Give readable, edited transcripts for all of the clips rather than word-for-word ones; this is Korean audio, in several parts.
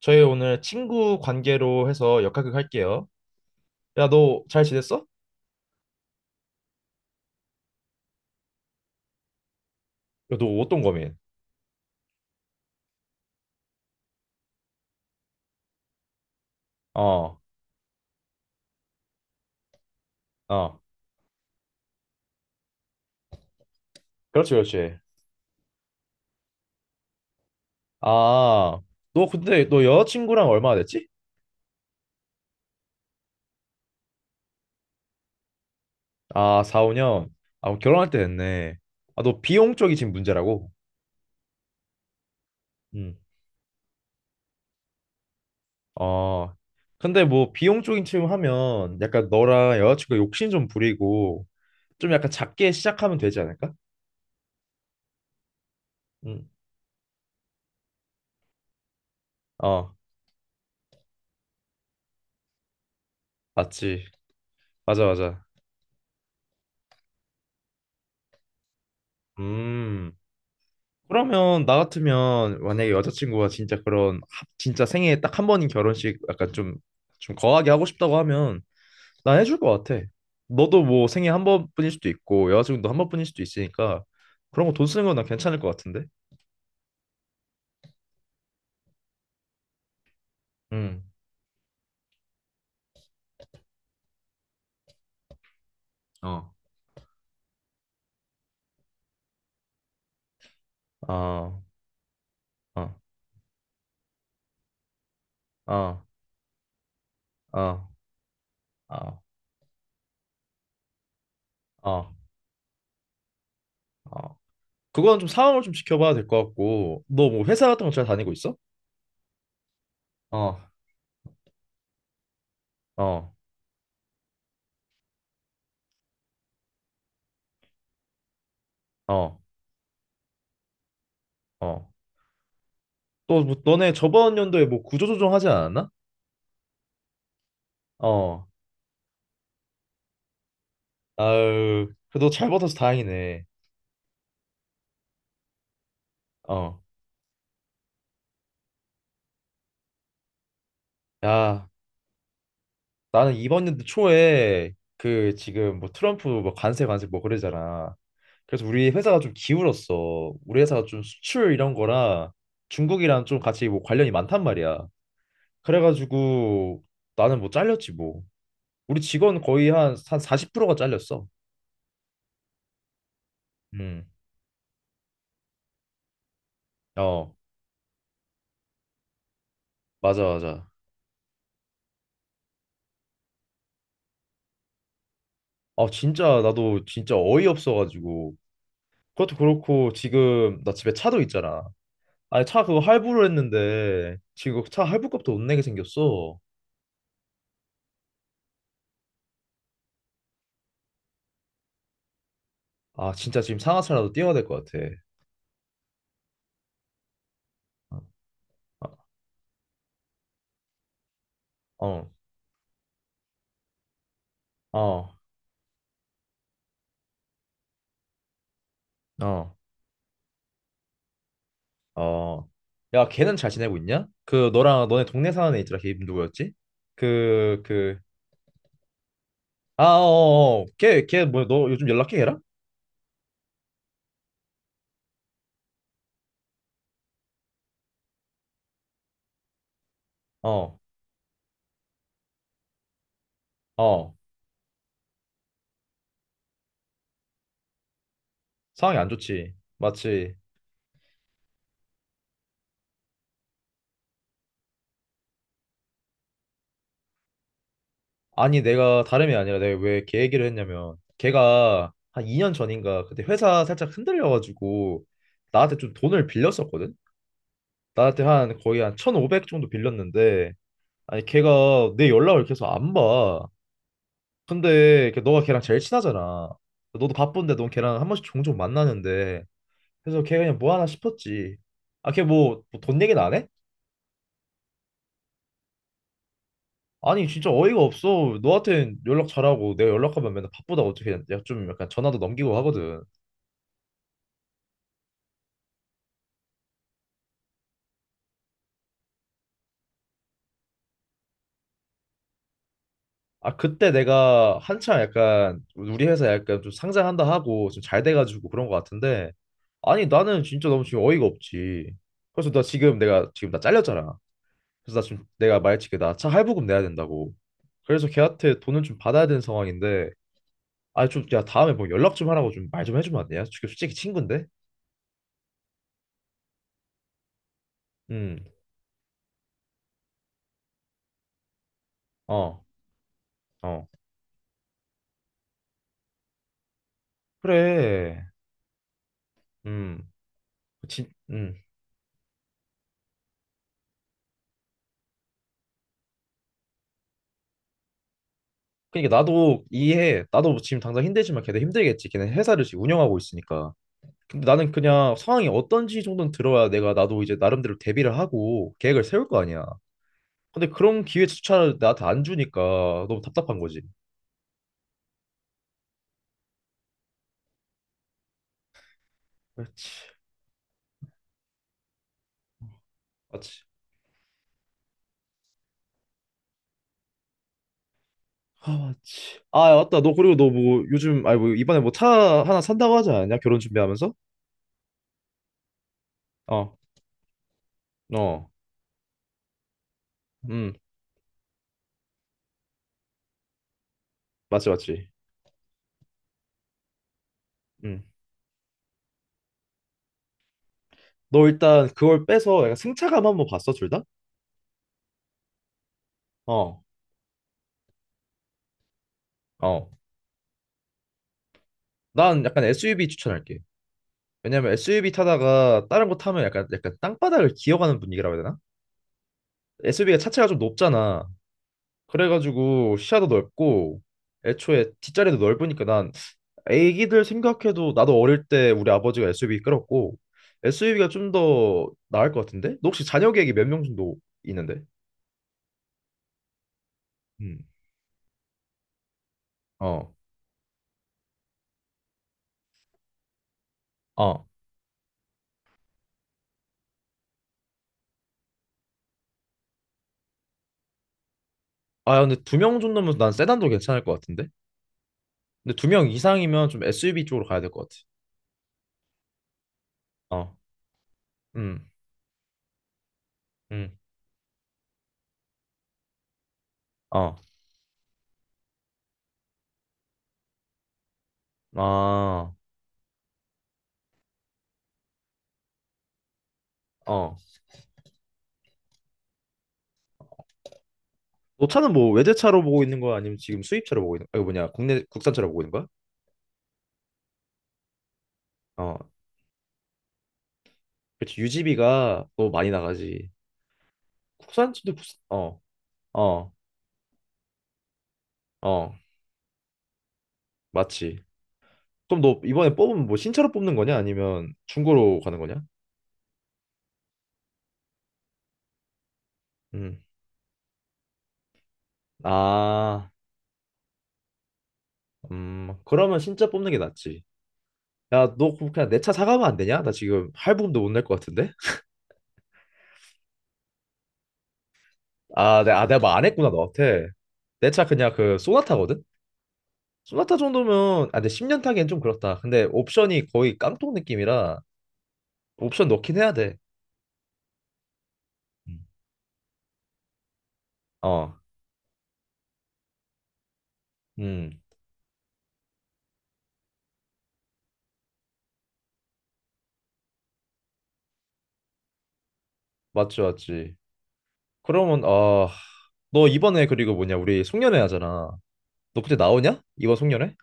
저희 오늘 친구 관계로 해서 역학극 할게요. 야, 너 잘 지냈어? 야, 너 어떤 고민? 어, 어. 그렇지, 그렇지. 아, 너 근데 너 여자친구랑 얼마나 됐지? 아, 4, 5년. 아, 그럼 결혼할 때 됐네. 아, 너 비용 쪽이 지금 문제라고? 응. 어. 근데 뭐 비용 쪽인 지금 하면 약간 너랑 여자친구 욕심 좀 부리고 좀 약간 작게 시작하면 되지 않을까? 응. 어, 맞지. 맞아, 맞아. 음. 그러면 나 같으면 만약에 여자친구가 진짜 그런 진짜 생애에 딱 한 번인 결혼식 약간 좀 좀 거하게 하고 싶다고 하면 난 해줄 것 같아. 너도 뭐 생애 한 번뿐일 수도 있고 여자친구도 한 번뿐일 수도 있으니까 그런 거 돈 쓰는 건 난 괜찮을 것 같은데. 응. 어. 아, 아, 아, 아, 아, 아, 아. 그건 좀 상황을 좀 지켜봐야 될 것 같고, 너 뭐 회사 같은 거 잘 다니고 있어? 어, 어, 어, 어. 또 뭐, 너네 저번 연도에 뭐 구조조정 하지 않았나? 어, 아유, 그래도 잘 버텨서 다행이네. 어. 야, 나는 이번 연도 초에 그 지금 뭐 트럼프 뭐 관세 뭐 그러잖아. 그래서 우리 회사가 좀 기울었어. 우리 회사가 좀 수출 이런 거랑 중국이랑 좀 같이 뭐 관련이 많단 말이야. 그래가지고 나는 뭐 잘렸지 뭐. 우리 직원 거의 한 40%가 잘렸어. 음. 어, 맞아, 맞아. 아, 진짜 나도 진짜 어이없어가지고. 그것도 그렇고 지금 나 집에 차도 있잖아. 아니 차 그거 할부로 했는데 지금 그차 할부값도 못 내게 생겼어. 아 진짜 지금 상하차라도 뛰어야 될 것 같아. 어, 어, 어, 어. 어. 야, 걔는 잘 지내고 있냐? 그 너랑 너네 동네 사는 애 있더라. 걔 이름 누구였지? 그 아, 어, 어. 어. 걔 뭐 너 요즘 연락해 걔랑? 어, 어. 상황이 안 좋지. 맞지? 아니 내가 다름이 아니라 내가 왜 걔 얘기를 했냐면 걔가 한 2년 전인가 그때 회사 살짝 흔들려가지고 나한테 좀 돈을 빌렸었거든? 나한테 한 거의 한 1,500 정도 빌렸는데 아니 걔가 내 연락을 계속 안 봐. 근데 너가 걔랑 제일 친하잖아. 너도 바쁜데 넌 걔랑 한 번씩 종종 만나는데 그래서 걔 그냥 뭐 하나 싶었지. 아 걔뭐 뭐 돈 얘기는 안 해? 아니 진짜 어이가 없어. 너한텐 연락 잘하고 내가 연락하면 맨날 바쁘다고 어떻게 야, 좀 약간 전화도 넘기고 하거든. 아 그때 내가 한참 약간 우리 회사 약간 좀 상장한다 하고 좀 잘 돼가지고 그런 것 같은데 아니 나는 진짜 너무 지금 어이가 없지 그래서 나 지금 내가 지금 나 잘렸잖아 그래서 나 지금 내가 말했지 나차 할부금 내야 된다고 그래서 걔한테 돈을 좀 받아야 되는 상황인데 아니 좀 야 다음에 뭐 연락 좀 하라고 좀 말 좀 해주면 안 돼요? 솔직히 친구인데 음어어 그래 음 진, 음 그러니까 나도 이해해 나도 뭐 지금 당장 힘들지만 걔네 힘들겠지 걔네 회사를 지금 운영하고 있으니까 근데 나는 그냥 상황이 어떤지 정도는 들어야 내가 나도 이제 나름대로 대비를 하고 계획을 세울 거 아니야. 근데 그런 기회조차 나한테 안 주니까 너무 답답한 거지. 그렇지, 맞지. 아, 맞지. 아, 맞다. 너 그리고 너 뭐 요즘 아니 뭐 이번에 뭐 차 하나 산다고 하지 않았냐? 결혼 준비하면서? 어, 어, 음, 맞지, 맞지. 음, 너 일단 그걸 빼서 약간 승차감 한번 봤어, 둘 다? 어, 어. 난 약간 SUV 추천할게. 왜냐면 SUV 타다가 다른 거 타면 약간 땅바닥을 기어가는 분위기라고 해야 되나? SUV가 차체가 좀 높잖아. 그래가지고 시야도 넓고 애초에 뒷자리도 넓으니까 난 애기들 생각해도 나도 어릴 때 우리 아버지가 SUV 끌었고 SUV가 좀 더 나을 것 같은데? 너 혹시 자녀 계획이 몇 명 정도 있는데? 음. 어. 어. 아 근데 2명 정도면 난 세단도 괜찮을 것 같은데? 근데 2명 이상이면 좀 SUV 쪽으로 가야 될 것 같아. 어. 음. 음. 어. 아. 어. 너 차는 뭐 외제차로 보고 있는 거야? 아니면 지금 수입차로 보고 있는 거야? 이거 뭐냐? 국내 국산차로 보고 있는 거야? 어, 그렇지. 유지비가 너무 많이 나가지. 국산차도 부산, 어, 어, 어, 맞지. 그럼 너 이번에 뽑으면 뭐 신차로 뽑는 거냐? 아니면 중고로 가는 거냐? 음, 아, 그러면 신차 뽑는 게 낫지. 야, 너 그냥 내 차 사가면 안 되냐? 나 지금 할부금도 못 낼 것 같은데? 아, 내가, 아, 내가 말 안 했구나, 너한테. 내 차 그냥 그 소나타거든? 소나타 정도면, 아, 근데 10년 타기엔 좀 그렇다. 근데 옵션이 거의 깡통 느낌이라 옵션 넣긴 해야 돼. 음. 어. 음. 맞지, 맞지. 그러면, 아, 너 이번에 그리고 뭐냐, 우리 송년회 하잖아. 너 그때 나오냐? 이번 송년회?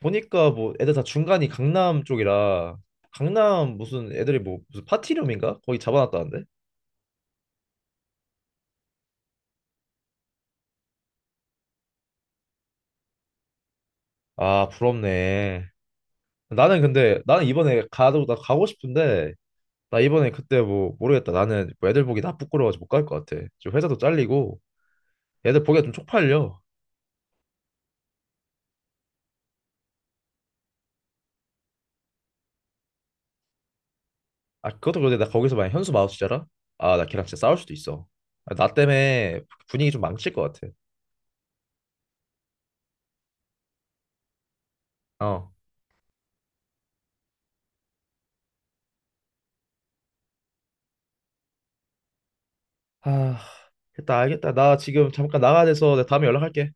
보니까 뭐 애들 다 중간이 강남 쪽이라, 강남 무슨 애들이 뭐 무슨 파티룸인가? 거기 잡아놨다는데? 아, 부럽네. 나는 근데, 나는 이번에 가도, 나 가고 싶은데, 나 이번에 그때 뭐 모르겠다. 나는 뭐 애들 보기 나 부끄러워서 못 갈 것 같아. 지금 회사도 잘리고, 애들 보기가 좀 쪽팔려. 아 그것도 그런데 나 거기서 만약 현수 마우스잖아? 아 나 걔랑 진짜 싸울 수도 있어. 아, 나 때문에 분위기 좀 망칠 것 같아. 어. 아, 됐다 알겠다. 나 지금 잠깐 나가야 돼서 내가 다음에 연락할게.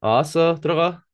아, 알았어 들어가.